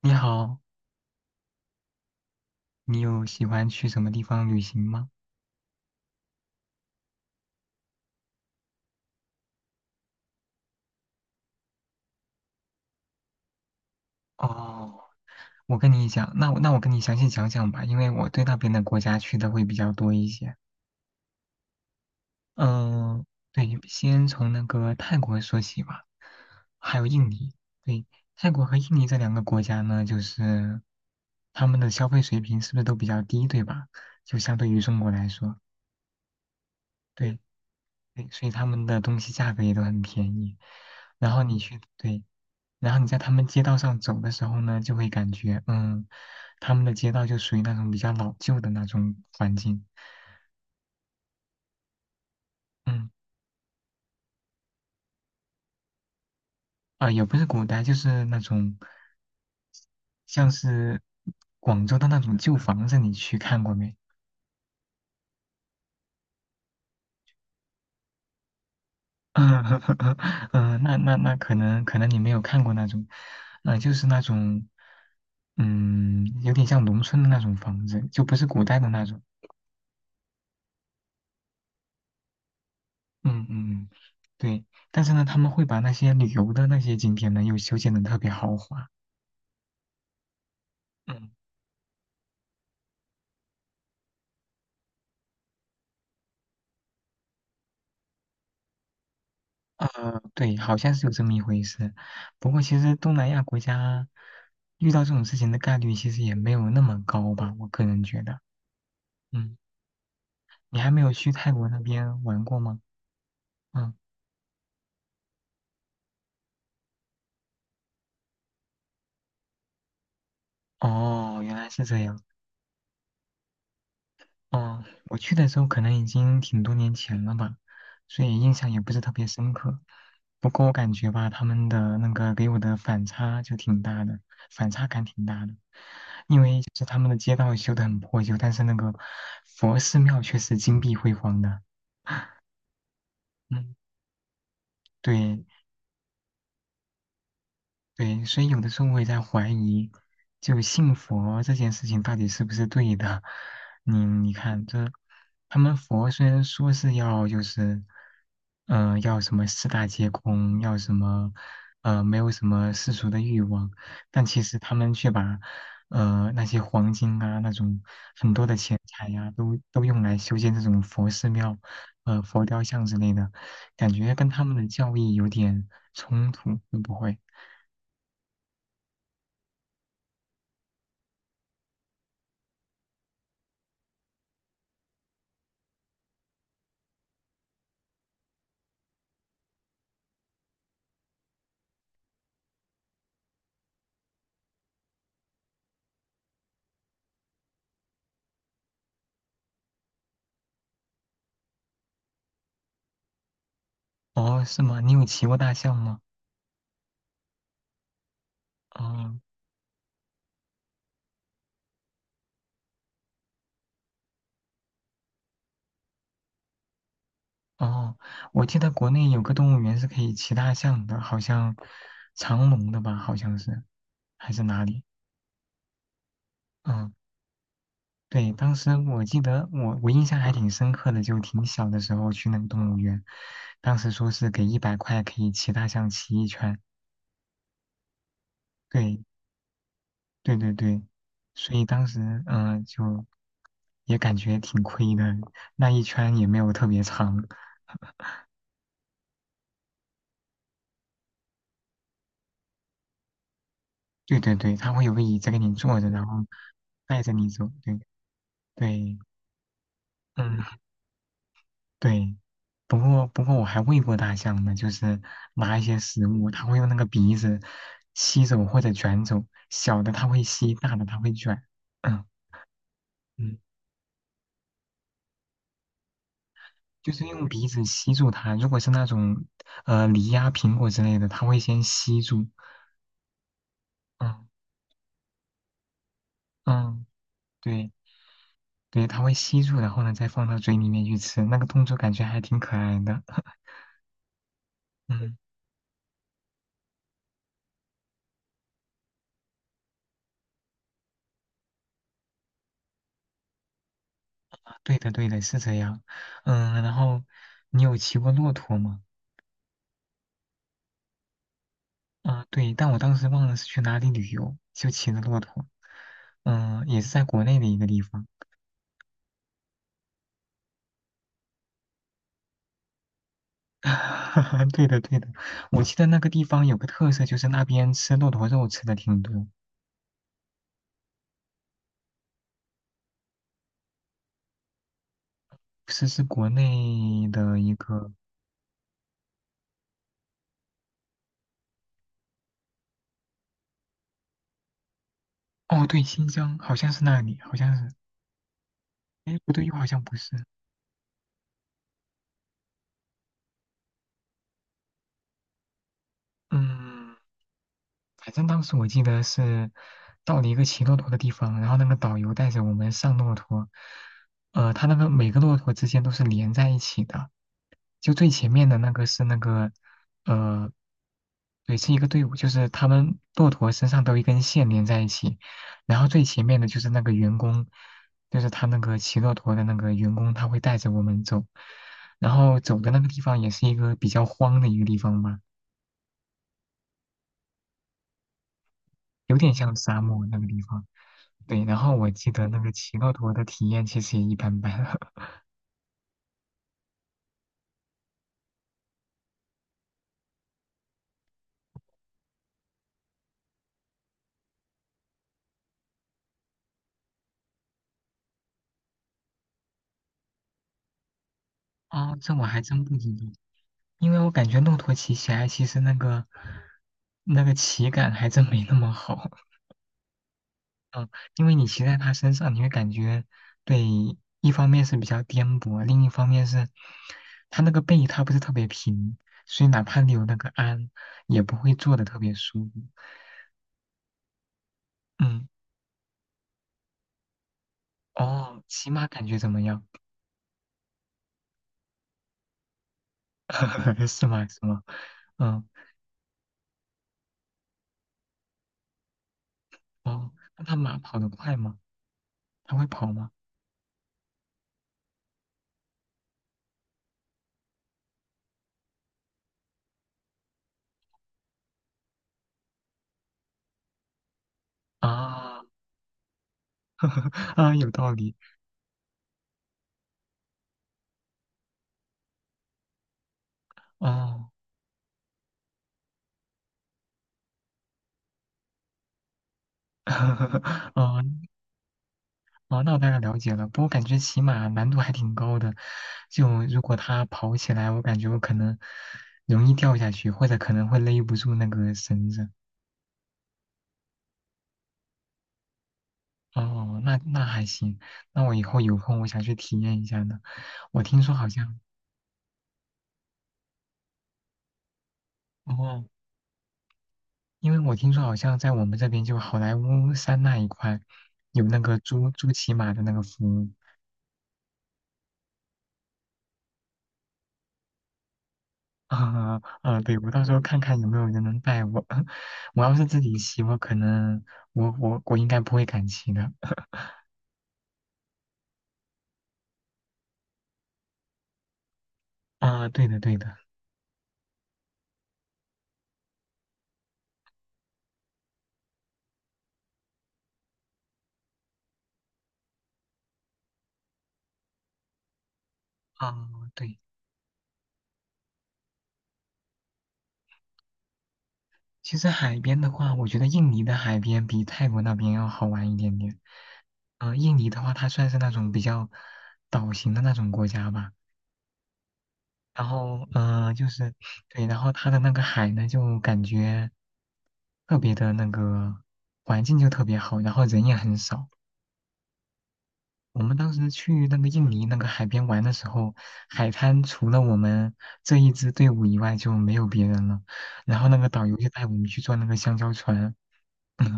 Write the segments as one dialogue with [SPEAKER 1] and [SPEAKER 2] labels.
[SPEAKER 1] 你好，你有喜欢去什么地方旅行吗？哦，我跟你讲，那我跟你详细讲讲吧，因为我对那边的国家去的会比较多一些。嗯、对，先从那个泰国说起吧，还有印尼。对，泰国和印尼这两个国家呢，就是他们的消费水平是不是都比较低，对吧？就相对于中国来说，对，对，所以他们的东西价格也都很便宜。然后你去，对。然后你在他们街道上走的时候呢，就会感觉，他们的街道就属于那种比较老旧的那种环境，嗯，也不是古代，就是那种像是广州的那种旧房子，你去看过没？嗯，那可能你没有看过那种，就是那种，有点像农村的那种房子，就不是古代的那种，嗯嗯，对，但是呢，他们会把那些旅游的那些景点呢，又修建的特别豪华。嗯，对，好像是有这么一回事。不过其实东南亚国家遇到这种事情的概率其实也没有那么高吧，我个人觉得。嗯，你还没有去泰国那边玩过吗？嗯，哦，原来是这样。哦，我去的时候可能已经挺多年前了吧，所以印象也不是特别深刻。不过我感觉吧，他们的那个给我的反差就挺大的，反差感挺大的。因为就是他们的街道修得很破旧，但是那个佛寺庙却是金碧辉煌的。嗯，对，对，所以有的时候我也在怀疑，就信佛这件事情到底是不是对的？你看，这他们佛虽然说是要就是，要什么四大皆空，要什么，没有什么世俗的欲望，但其实他们却把，那些黄金啊，那种很多的钱财呀、都用来修建这种佛寺庙，佛雕像之类的，感觉跟他们的教义有点冲突，会不会？哦，是吗？你有骑过大象吗？哦哦，我记得国内有个动物园是可以骑大象的，好像长隆的吧，好像是，还是哪里？嗯，对，当时我记得我印象还挺深刻的，就挺小的时候去那个动物园，当时说是给100块可以骑大象骑一圈，对对对对，所以当时就也感觉挺亏的，那一圈也没有特别长，对对对，他会有个椅子给你坐着，然后带着你走。对对，嗯对。不过我还喂过大象呢，就是拿一些食物，它会用那个鼻子吸走或者卷走，小的它会吸，大的它会卷。嗯嗯，就是用鼻子吸住它。如果是那种梨呀、苹果之类的，它会先吸住。嗯嗯，对对，它会吸住，然后呢再放到嘴里面去吃。那个动作感觉还挺可爱的。嗯。对的，对的，是这样。嗯，然后你有骑过骆驼吗？对，但我当时忘了是去哪里旅游，就骑的骆驼。也是在国内的一个地方。对的，对的，我记得那个地方有个特色，就是那边吃骆驼肉吃的挺多，是，是国内的一个。哦，对，新疆好像是那里，好像是。哎，不对，又好像不是。嗯。反正当时我记得是到了一个骑骆驼的地方，然后那个导游带着我们上骆驼，呃，他那个每个骆驼之间都是连在一起的，就最前面的那个是那个，呃，对，是一个队伍，就是他们骆驼身上都有一根线连在一起，然后最前面的就是那个员工，就是他那个骑骆驼的那个员工，他会带着我们走，然后走的那个地方也是一个比较荒的一个地方吧，有点像沙漠那个地方。对，然后我记得那个骑骆驼的体验其实也一般般。哦，这我还真不知道，因为我感觉骆驼骑起来其实那个骑感还真没那么好。嗯，因为你骑在它身上，你会感觉，对，一方面是比较颠簸，另一方面是它那个背它不是特别平，所以哪怕你有那个鞍，也不会坐的特别舒服。嗯，哦，骑马感觉怎么样？是吗？是吗？嗯。哦，那他马跑得快吗？他会跑吗？啊 啊，有道理哦，哦哦，那我大概了解了。不过感觉骑马难度还挺高的，就如果它跑起来，我感觉我可能容易掉下去，或者可能会勒不住那个绳子。哦，那还行，那我以后有空我想去体验一下呢。我听说好像哦，因为我听说好像在我们这边就好莱坞山那一块有那个租骑马的那个服务。啊啊，对，我到时候看看有没有人能带我。我要是自己骑，我可能我我我应该不会敢骑的。啊，对的对的。啊，对，其实海边的话，我觉得印尼的海边比泰国那边要好玩一点点。印尼的话，它算是那种比较岛型的那种国家吧。然后，就是对，然后它的那个海呢，就感觉特别的那个环境就特别好，然后人也很少。我们当时去那个印尼那个海边玩的时候，海滩除了我们这一支队伍以外就没有别人了。然后那个导游就带我们去坐那个香蕉船，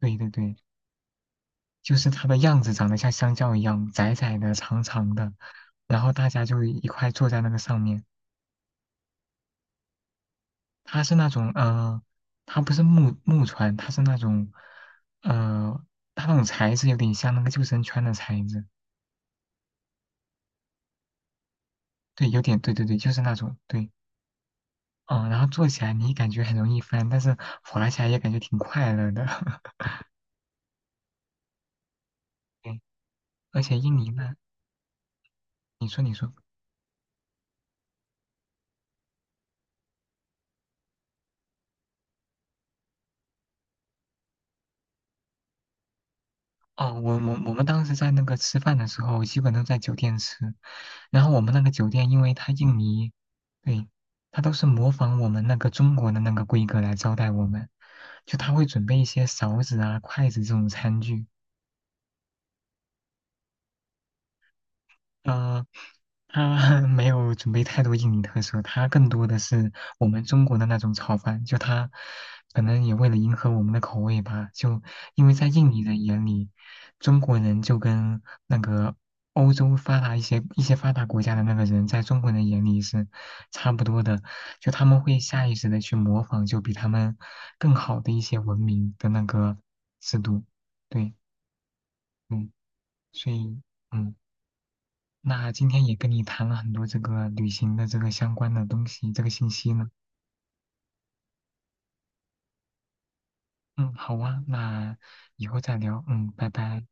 [SPEAKER 1] 对对对，就是它的样子长得像香蕉一样，窄窄的、长长的。然后大家就一块坐在那个上面。它是那种它不是木船，它是那种呃，它那种材质有点像那个救生圈的材质，对，有点对对对，就是那种对。嗯，然后坐起来你感觉很容易翻，但是滑起来也感觉挺快乐的。对，而且印尼呢，你说你说，哦，我们当时在那个吃饭的时候，基本都在酒店吃，然后我们那个酒店，因为它印尼，对，它都是模仿我们那个中国的那个规格来招待我们，就他会准备一些勺子啊、筷子这种餐具，呃，他 没有准备太多印尼特色，他更多的是我们中国的那种炒饭。就他可能也为了迎合我们的口味吧，就因为在印尼人眼里，中国人就跟那个欧洲发达一些发达国家的那个人，在中国人眼里是差不多的，就他们会下意识的去模仿，就比他们更好的一些文明的那个制度。对，嗯，所以。嗯。那今天也跟你谈了很多这个旅行的这个相关的东西，这个信息呢。嗯，好啊，那以后再聊。嗯，拜拜。